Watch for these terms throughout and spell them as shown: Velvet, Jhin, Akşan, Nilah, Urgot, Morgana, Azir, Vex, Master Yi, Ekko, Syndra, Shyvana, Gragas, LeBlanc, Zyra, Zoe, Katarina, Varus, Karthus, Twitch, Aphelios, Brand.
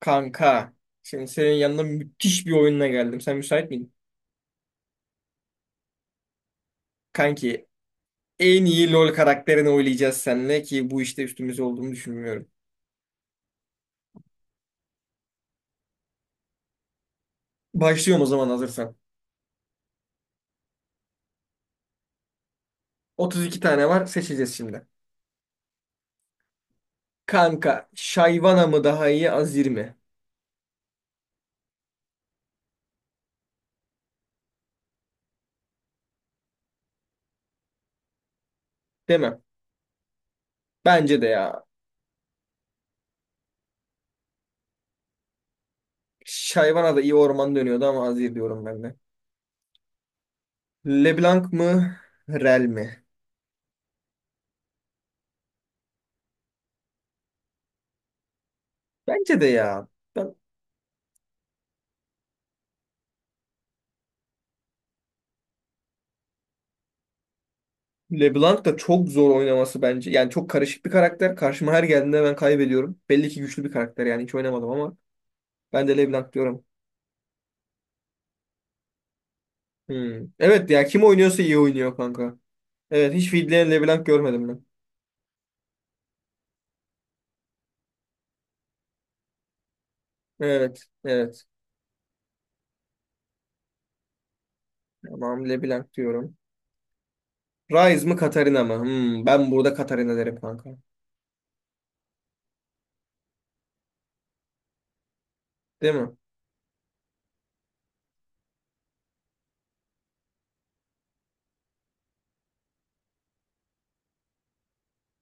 Kanka. Şimdi senin yanına müthiş bir oyunla geldim. Sen müsait miydin? Kanki en iyi LoL karakterini oynayacağız seninle ki bu işte üstümüz olduğunu düşünmüyorum. Başlıyorum o zaman hazırsan. 32 tane var seçeceğiz şimdi. Kanka Shyvana mı daha iyi Azir mi? Değil mi? Bence de ya. Shyvana da iyi orman dönüyordu ama Azir diyorum ben de. LeBlanc mı? Rel mi? Bence de ya. Ben LeBlanc da çok zor oynaması bence. Yani çok karışık bir karakter. Karşıma her geldiğinde ben kaybediyorum. Belli ki güçlü bir karakter yani hiç oynamadım ama ben de LeBlanc diyorum. Hmm. Evet ya kim oynuyorsa iyi oynuyor kanka. Evet hiç feedleyen LeBlanc görmedim ben. Evet evet. Tamam LeBlanc diyorum. Ryze mı Katarina mı? Ben burada Katarina derim kanka. Değil mi?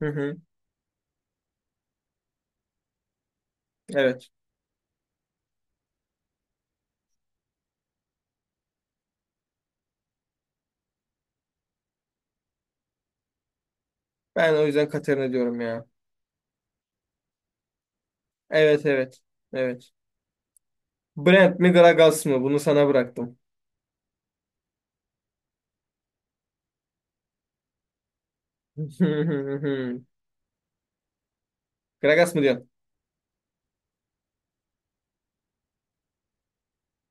Hı hı. Evet. Ben o yüzden Katarina diyorum ya. Evet evet. Evet. Brand mi Gragas mı? Bunu sana bıraktım. Gragas mı diyorsun?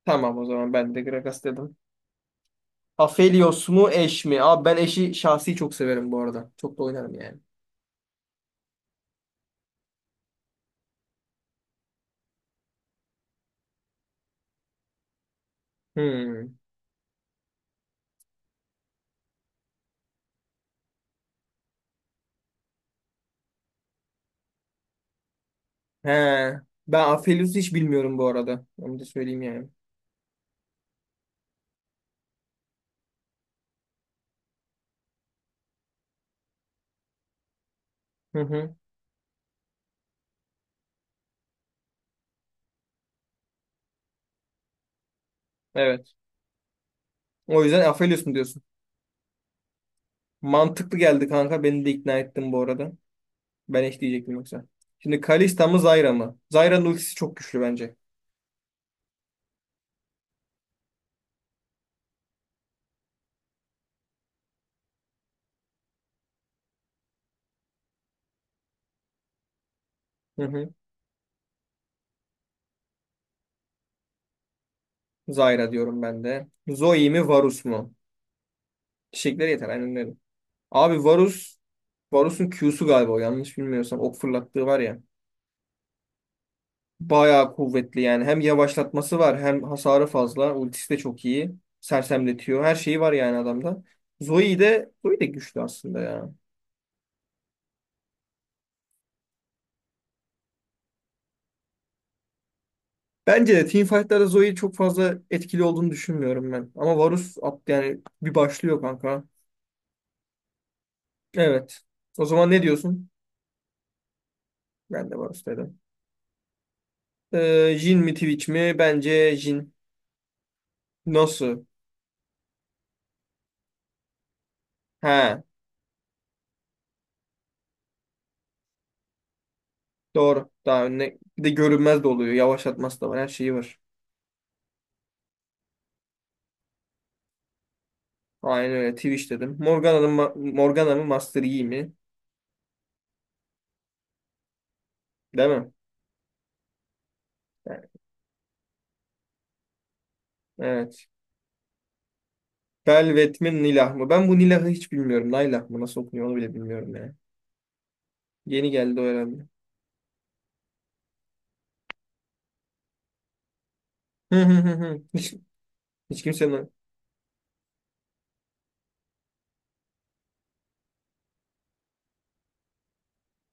Tamam o zaman ben de Gragas dedim. Aphelios mu eş mi? Abi ben eşi şahsi çok severim bu arada. Çok da oynarım yani. Hmm. He. Ben Aphelios'u hiç bilmiyorum bu arada. Onu da söyleyeyim yani. Hı hı. Evet. O yüzden Aphelios mu diyorsun? Mantıklı geldi kanka. Beni de ikna ettin bu arada. Ben eş diyecektim yoksa. Şimdi Kalista mı Zyra mı? Zyra'nın ultisi çok güçlü bence. Hı hı. Zyra diyorum ben de. Zoe mi Varus mu? Çiçekler yeter. Aynen öyle. Abi Varus, Varus'un Q'su galiba o, yanlış bilmiyorsam ok fırlattığı var ya. Bayağı kuvvetli yani. Hem yavaşlatması var hem hasarı fazla. Ultisi de çok iyi. Sersemletiyor. Her şeyi var yani adamda. Zoe de güçlü aslında ya. Bence de teamfight'larda Zoe çok fazla etkili olduğunu düşünmüyorum ben. Ama Varus at yani bir başlıyor kanka. Evet. O zaman ne diyorsun? Ben de Varus dedim. Jhin mi Twitch mi? Bence Jhin. Nasıl? He. Doğru. Daha önüne bir de görünmez de oluyor. Yavaşlatması da var. Her şeyi var. Aynen öyle. Twitch dedim. Morgana mı Master Yi mi? Değil mi? Yani, evet. Velvet mi Nilah mı? Ben bu Nilah'ı hiç bilmiyorum. Naylah mı? Nasıl okunuyor onu bile bilmiyorum yani. Yeni geldi o herhalde. Hı hı hı hı. Hiç kimsenin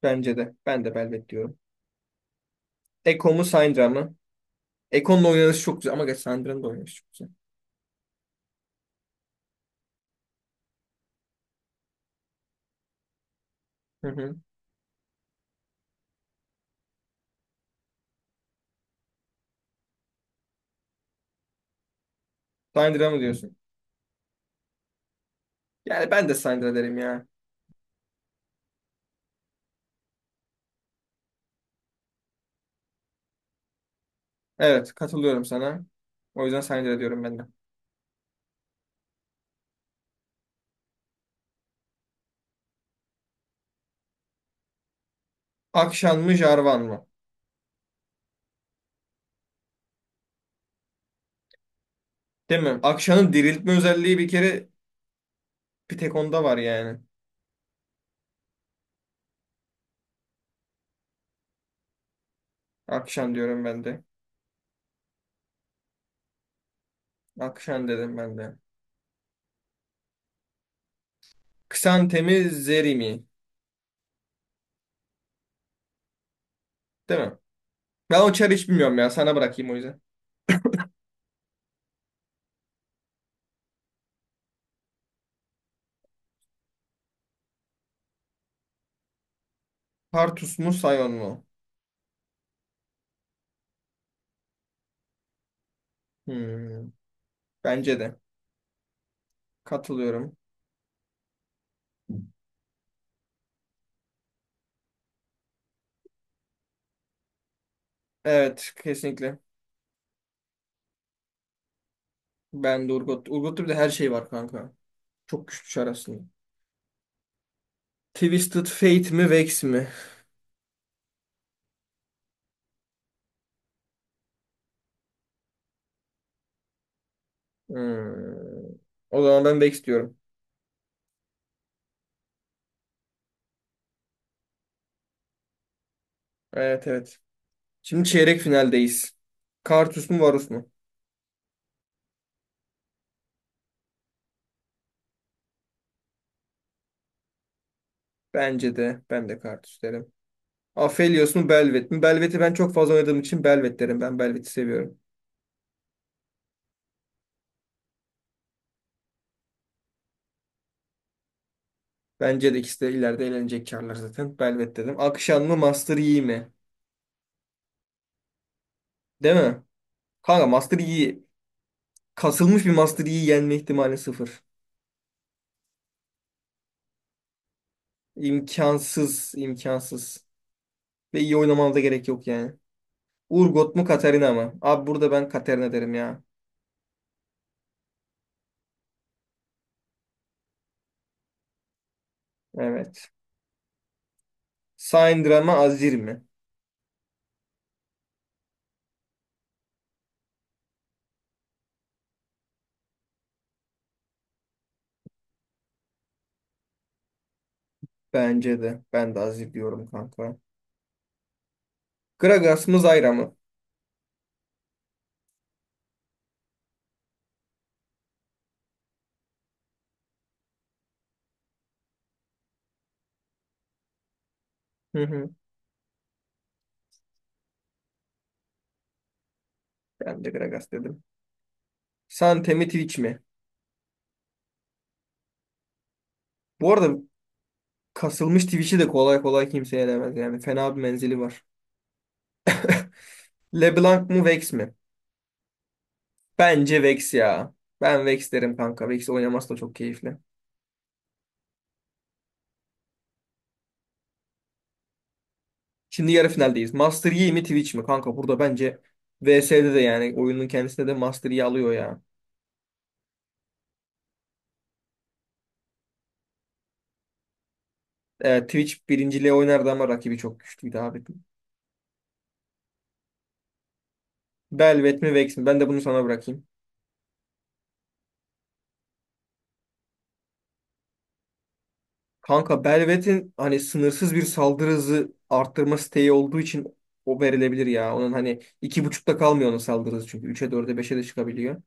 bence de. Ben de Velvet diyorum. Ekko mu Syndra mı? Ekko'nun oynanışı çok güzel. Ama geç Syndra'nın da oynanışı çok güzel. Hı hı. Syndra mı diyorsun? Yani ben de Syndra derim ya. Evet katılıyorum sana. O yüzden Syndra diyorum ben de. Akşan mı Jarvan mı? Değil mi? Akşan'ın diriltme özelliği bir kere bir tek onda var yani. Akşan diyorum ben de. Akşan dedim ben de. Xantemi Zeri mi? Değil mi? Ben o çarı hiç bilmiyorum ya. Sana bırakayım o yüzden. Partus mu Sion mu? Hmm, Bence de. Katılıyorum. Evet kesinlikle. Ben de Urgot. Urgot'ta bir de her şey var kanka. Çok güçlü çar aslında. Twisted Fate mi Vex mi? Hmm, O zaman ben Vex diyorum. Evet evet. Şimdi çeyrek finaldeyiz. Kartus mu Varus mu? Bence de. Ben de Kartus derim. Aphelios mu Belvet mi? Belvet'i ben çok fazla oynadığım için Belvet derim. Ben Belvet'i seviyorum. Bence de ikisi de ileride eğlenecek karlar zaten. Belvet dedim. Akşam mı Master Yi mi? Değil mi? Kanka Master Yi kasılmış bir Master Yi yenme ihtimali sıfır. İmkansız. İmkansız. Ve iyi oynamana da gerek yok yani. Urgot mu Katarina mı? Abi burada ben Katarina derim ya. Evet. Syndra mı Azir mi? Bence de. Ben de Aziz diyorum kanka. Gragas mı Zyra mı? Hı hı. Ben de Gragas dedim. Sante mi Twitch mi? Bu arada kasılmış Twitch'i de kolay kolay kimse yenemez yani. Fena bir menzili var. LeBlanc mı Vex mi? Bence Vex ya. Ben Vex derim kanka. Vex oynaması da çok keyifli. Şimdi yarı finaldeyiz. Master Yi mi Twitch mi? Kanka burada bence VS'de de yani oyunun kendisinde de Master Yi alıyor ya. Evet, Twitch birinciliğe oynardı ama rakibi çok güçlüydü abi. Belvet mi Vex mi? Ben de bunu sana bırakayım. Kanka Belvet'in hani sınırsız bir saldırı hızı arttırma siteyi olduğu için o verilebilir ya. Onun hani iki buçukta kalmıyor onun saldırı hızı çünkü. Üçe dörde beşe de çıkabiliyor.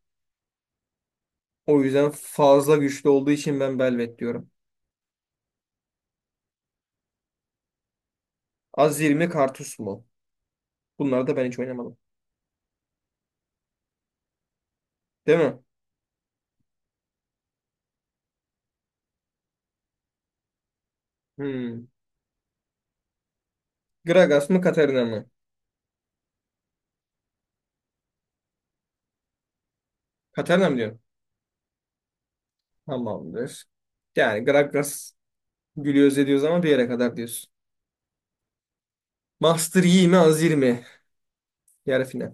O yüzden fazla güçlü olduğu için ben Belvet diyorum. Azir mi Karthus mu? Bunları da ben hiç oynamadım. Değil mi? Hmm. Gragas mı Katarina mı? Katarina mı diyorsun? Tamamdır. Yani Gragas gülüyoruz ediyoruz ama bir yere kadar diyorsun. Master Yi mi Azir mi? Yarı final.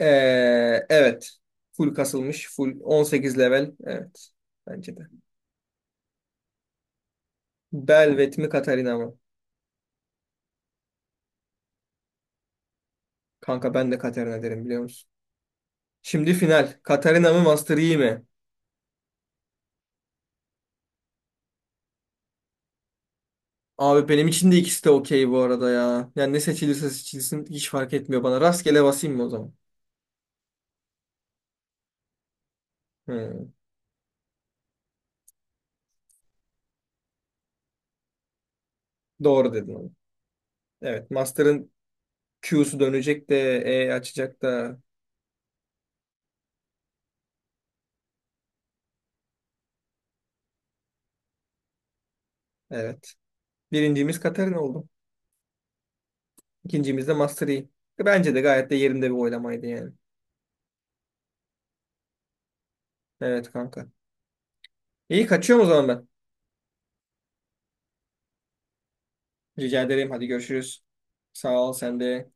Ee, evet. Full kasılmış. Full 18 level. Evet. Bence de. Belvet mi Katarina mı? Kanka ben de Katarina derim biliyor musun? Şimdi final. Katarina mı Master Yi mi? Abi benim için de ikisi de okey bu arada ya. Yani ne seçilirse seçilsin hiç fark etmiyor bana. Rastgele basayım mı o zaman? Hmm, Doğru dedin onu. Evet. Master'ın Q'su dönecek de E açacak da. Evet. Birincimiz Katarina oldu. İkincimiz de Master Yi. Bence de gayet de yerinde bir oylamaydı yani. Evet kanka. İyi kaçıyorum o zaman ben. Rica ederim. Hadi görüşürüz. Sağ ol sen de.